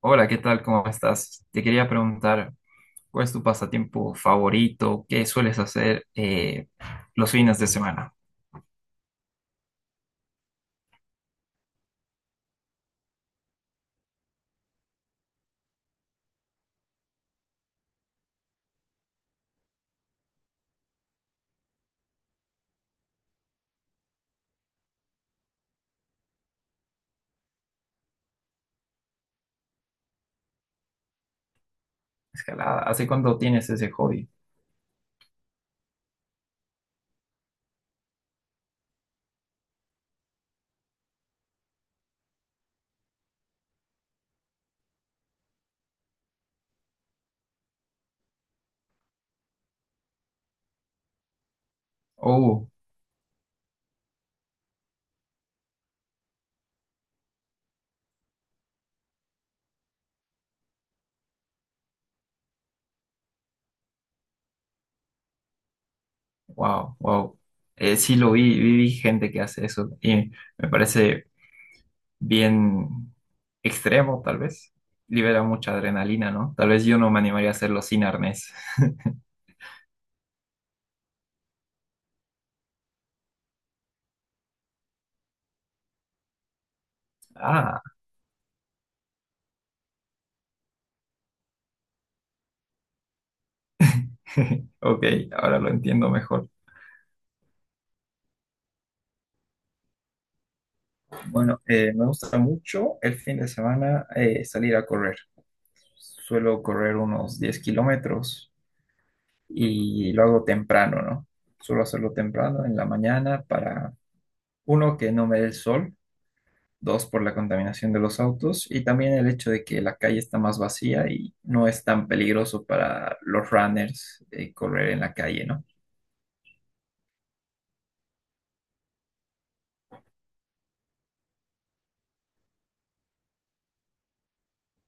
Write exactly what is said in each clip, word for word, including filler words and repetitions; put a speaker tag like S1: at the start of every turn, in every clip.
S1: Hola, ¿qué tal? ¿Cómo estás? Te quería preguntar, ¿cuál es tu pasatiempo favorito? ¿Qué sueles hacer eh, los fines de semana? Escalada. ¿Hace cuánto tienes ese hobby? Oh, wow, wow. Eh, sí lo vi, vi, vi gente que hace eso y me parece bien extremo, tal vez. Libera mucha adrenalina, ¿no? Tal vez yo no me animaría a hacerlo sin arnés. Ah, ok, ahora lo entiendo mejor. Bueno, eh, me gusta mucho el fin de semana eh, salir a correr. Suelo correr unos diez kilómetros y lo hago temprano, ¿no? Suelo hacerlo temprano en la mañana para, uno, que no me dé el sol, dos, por la contaminación de los autos y también el hecho de que la calle está más vacía y no es tan peligroso para los runners eh, correr en la calle, ¿no?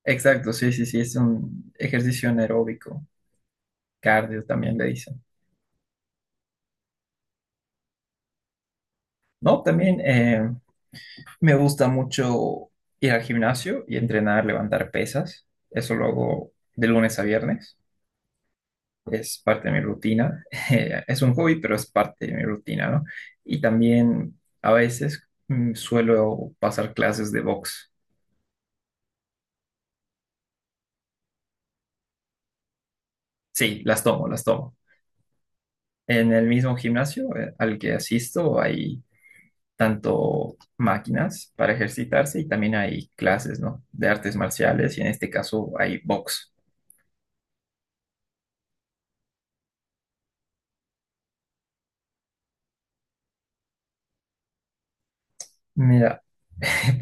S1: Exacto, sí, sí, sí, es un ejercicio anaeróbico, cardio también le dicen. No, también, eh, me gusta mucho ir al gimnasio y entrenar, levantar pesas. Eso lo hago de lunes a viernes. Es parte de mi rutina. Eh, es un hobby, pero es parte de mi rutina, ¿no? Y también a veces mm, suelo pasar clases de box. Sí, las tomo, las tomo. En el mismo gimnasio eh, al que asisto hay tanto máquinas para ejercitarse y también hay clases, ¿no? De artes marciales y en este caso hay box. Mira,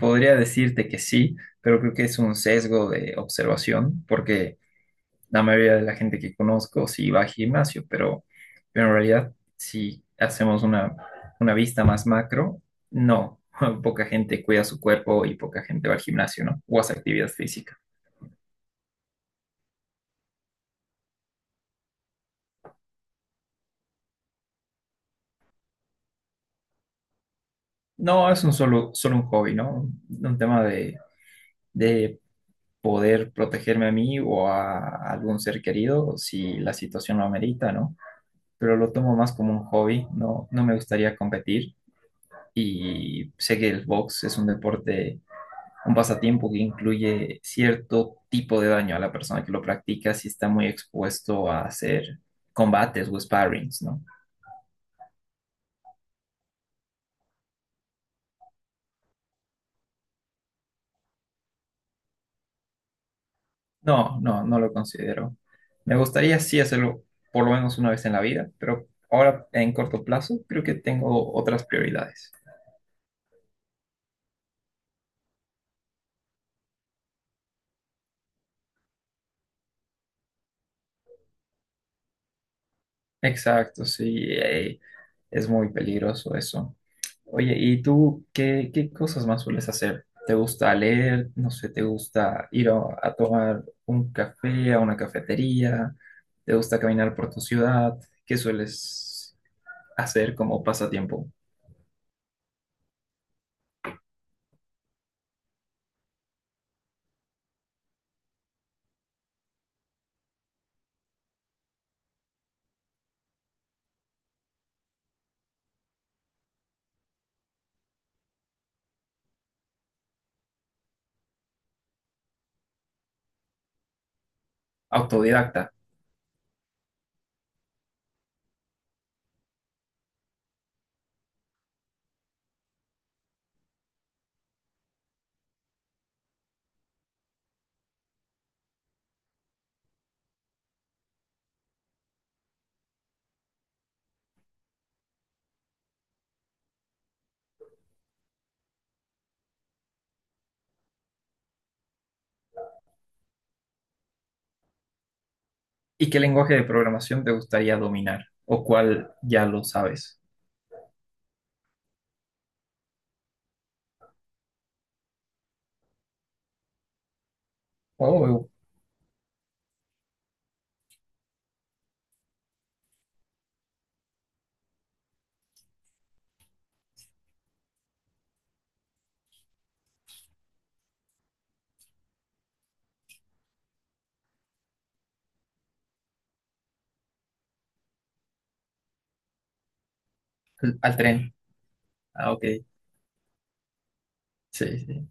S1: podría decirte que sí, pero creo que es un sesgo de observación, porque la mayoría de la gente que conozco sí va al gimnasio, pero, pero en realidad si hacemos una, una vista más macro, no, poca gente cuida su cuerpo y poca gente va al gimnasio, ¿no? O hace actividad física. No, es un solo, solo un hobby, ¿no? Un, un tema de, de poder protegerme a mí o a algún ser querido si la situación lo amerita, ¿no? Pero lo tomo más como un hobby, no, no me gustaría competir y sé que el box es un deporte, un pasatiempo que incluye cierto tipo de daño a la persona que lo practica si está muy expuesto a hacer combates o sparrings, ¿no? No, no, no lo considero. Me gustaría sí hacerlo por lo menos una vez en la vida, pero ahora en corto plazo creo que tengo otras prioridades. Exacto, sí, eh, es muy peligroso eso. Oye, ¿y tú qué, qué cosas más sueles hacer? ¿Te gusta leer? No sé, ¿te gusta ir a, a tomar un café a una cafetería? ¿Te gusta caminar por tu ciudad? ¿Qué sueles hacer como pasatiempo autodidacta? ¿Y qué lenguaje de programación te gustaría dominar? ¿O cuál ya lo sabes? Oh, al tren. Ah, ok. Sí, sí.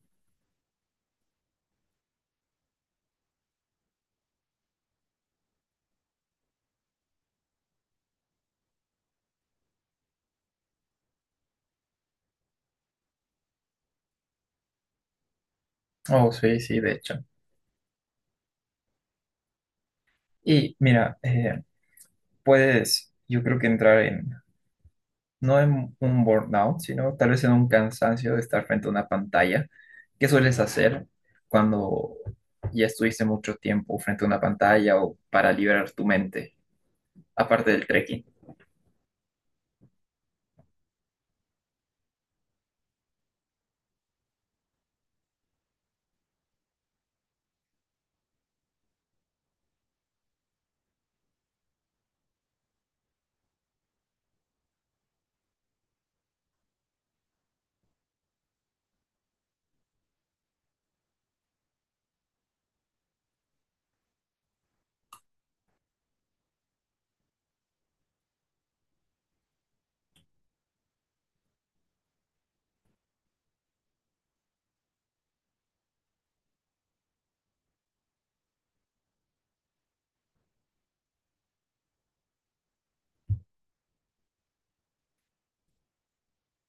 S1: Oh, sí, sí, de hecho. Y mira, eh, puedes, yo creo que entrar en, no en un burnout, sino tal vez en un cansancio de estar frente a una pantalla. ¿Qué sueles hacer cuando ya estuviste mucho tiempo frente a una pantalla o para liberar tu mente, aparte del trekking?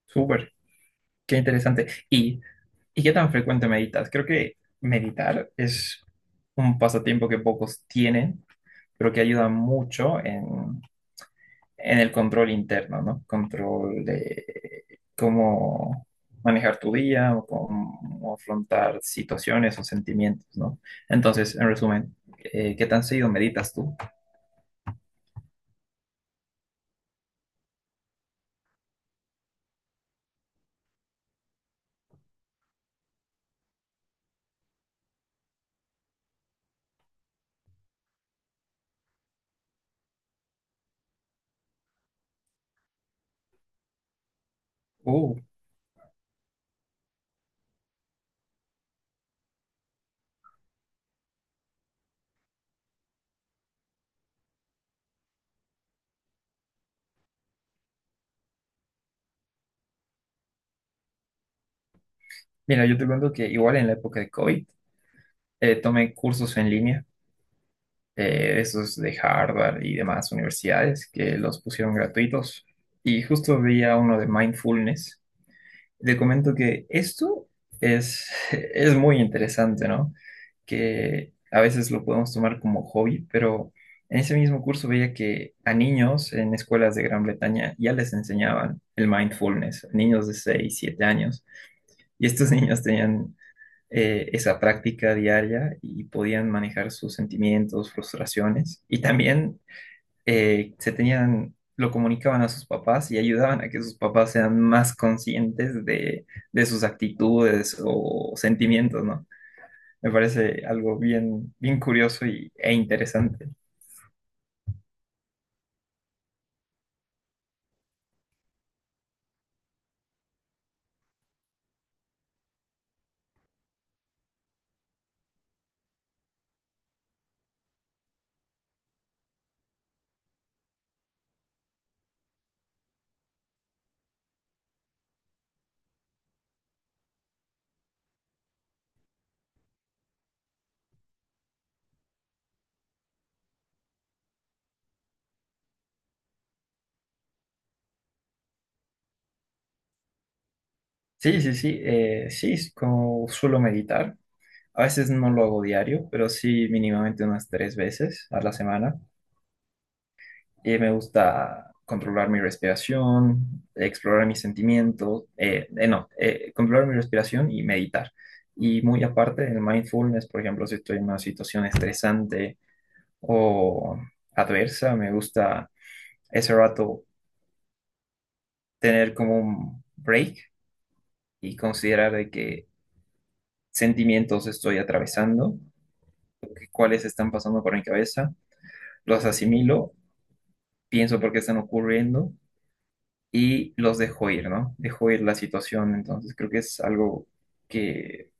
S1: Súper, qué interesante. ¿Y, y qué tan frecuente meditas? Creo que meditar es un pasatiempo que pocos tienen, pero que ayuda mucho en en el control interno, ¿no? Control de cómo manejar tu día o cómo afrontar situaciones o sentimientos, ¿no? Entonces, en resumen, eh, ¿qué tan seguido meditas tú? Uh, mira, yo te cuento que igual en la época de COVID eh, tomé cursos en línea, eh, esos de Harvard y demás universidades que los pusieron gratuitos y justo veía uno de mindfulness. Te comento que esto es, es muy interesante, ¿no? Que a veces lo podemos tomar como hobby, pero en ese mismo curso veía que a niños en escuelas de Gran Bretaña ya les enseñaban el mindfulness, niños de seis siete años, y estos niños tenían eh, esa práctica diaria y podían manejar sus sentimientos, frustraciones, y también eh, se tenían, lo comunicaban a sus papás y ayudaban a que sus papás sean más conscientes de, de sus actitudes o sentimientos, ¿no? Me parece algo bien, bien curioso y, e interesante. Sí, sí, sí, eh, sí, es como suelo meditar. A veces no lo hago diario, pero sí mínimamente unas tres veces a la semana. Y me gusta controlar mi respiración, explorar mis sentimientos, eh, eh, no, eh, controlar mi respiración y meditar. Y muy aparte del mindfulness, por ejemplo, si estoy en una situación estresante o adversa, me gusta ese rato tener como un break y considerar de qué sentimientos estoy atravesando, cuáles están pasando por mi cabeza, los asimilo, pienso por qué están ocurriendo y los dejo ir, ¿no? Dejo ir la situación, entonces creo que es algo que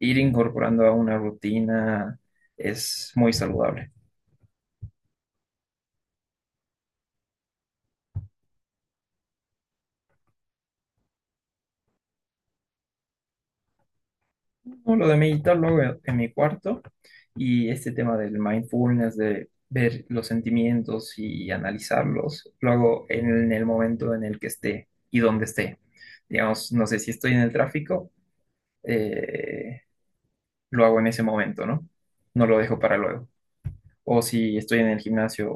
S1: ir incorporando a una rutina es muy saludable. No, lo de meditar lo hago en en mi cuarto y este tema del mindfulness, de ver los sentimientos y analizarlos, lo hago en el momento en el que esté y donde esté. Digamos, no sé si estoy en el tráfico, eh, lo hago en ese momento, ¿no? No lo dejo para luego. O si estoy en el gimnasio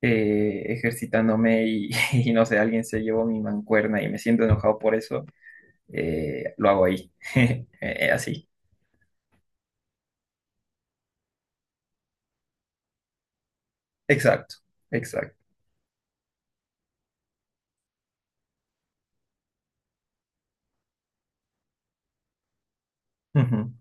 S1: eh, ejercitándome y, y no sé, alguien se llevó mi mancuerna y me siento enojado por eso, eh, lo hago ahí. Eh, Así. Exacto, exacto. Ujú,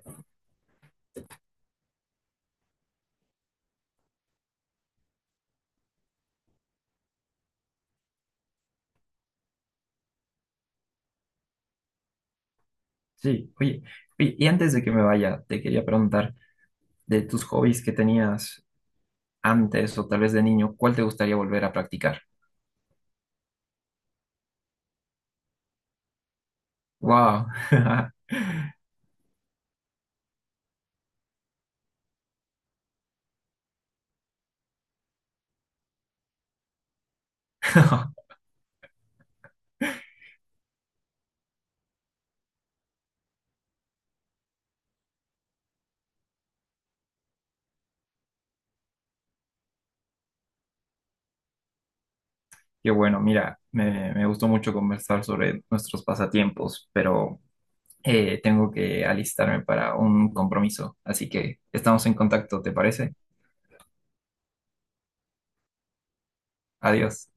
S1: sí, oye, y y antes de que me vaya, te quería preguntar de tus hobbies que tenías antes o tal vez de niño, ¿cuál te gustaría volver a practicar? ¡Wow! Qué bueno, mira, me, me gustó mucho conversar sobre nuestros pasatiempos, pero eh, tengo que alistarme para un compromiso, así que estamos en contacto, ¿te parece? Adiós.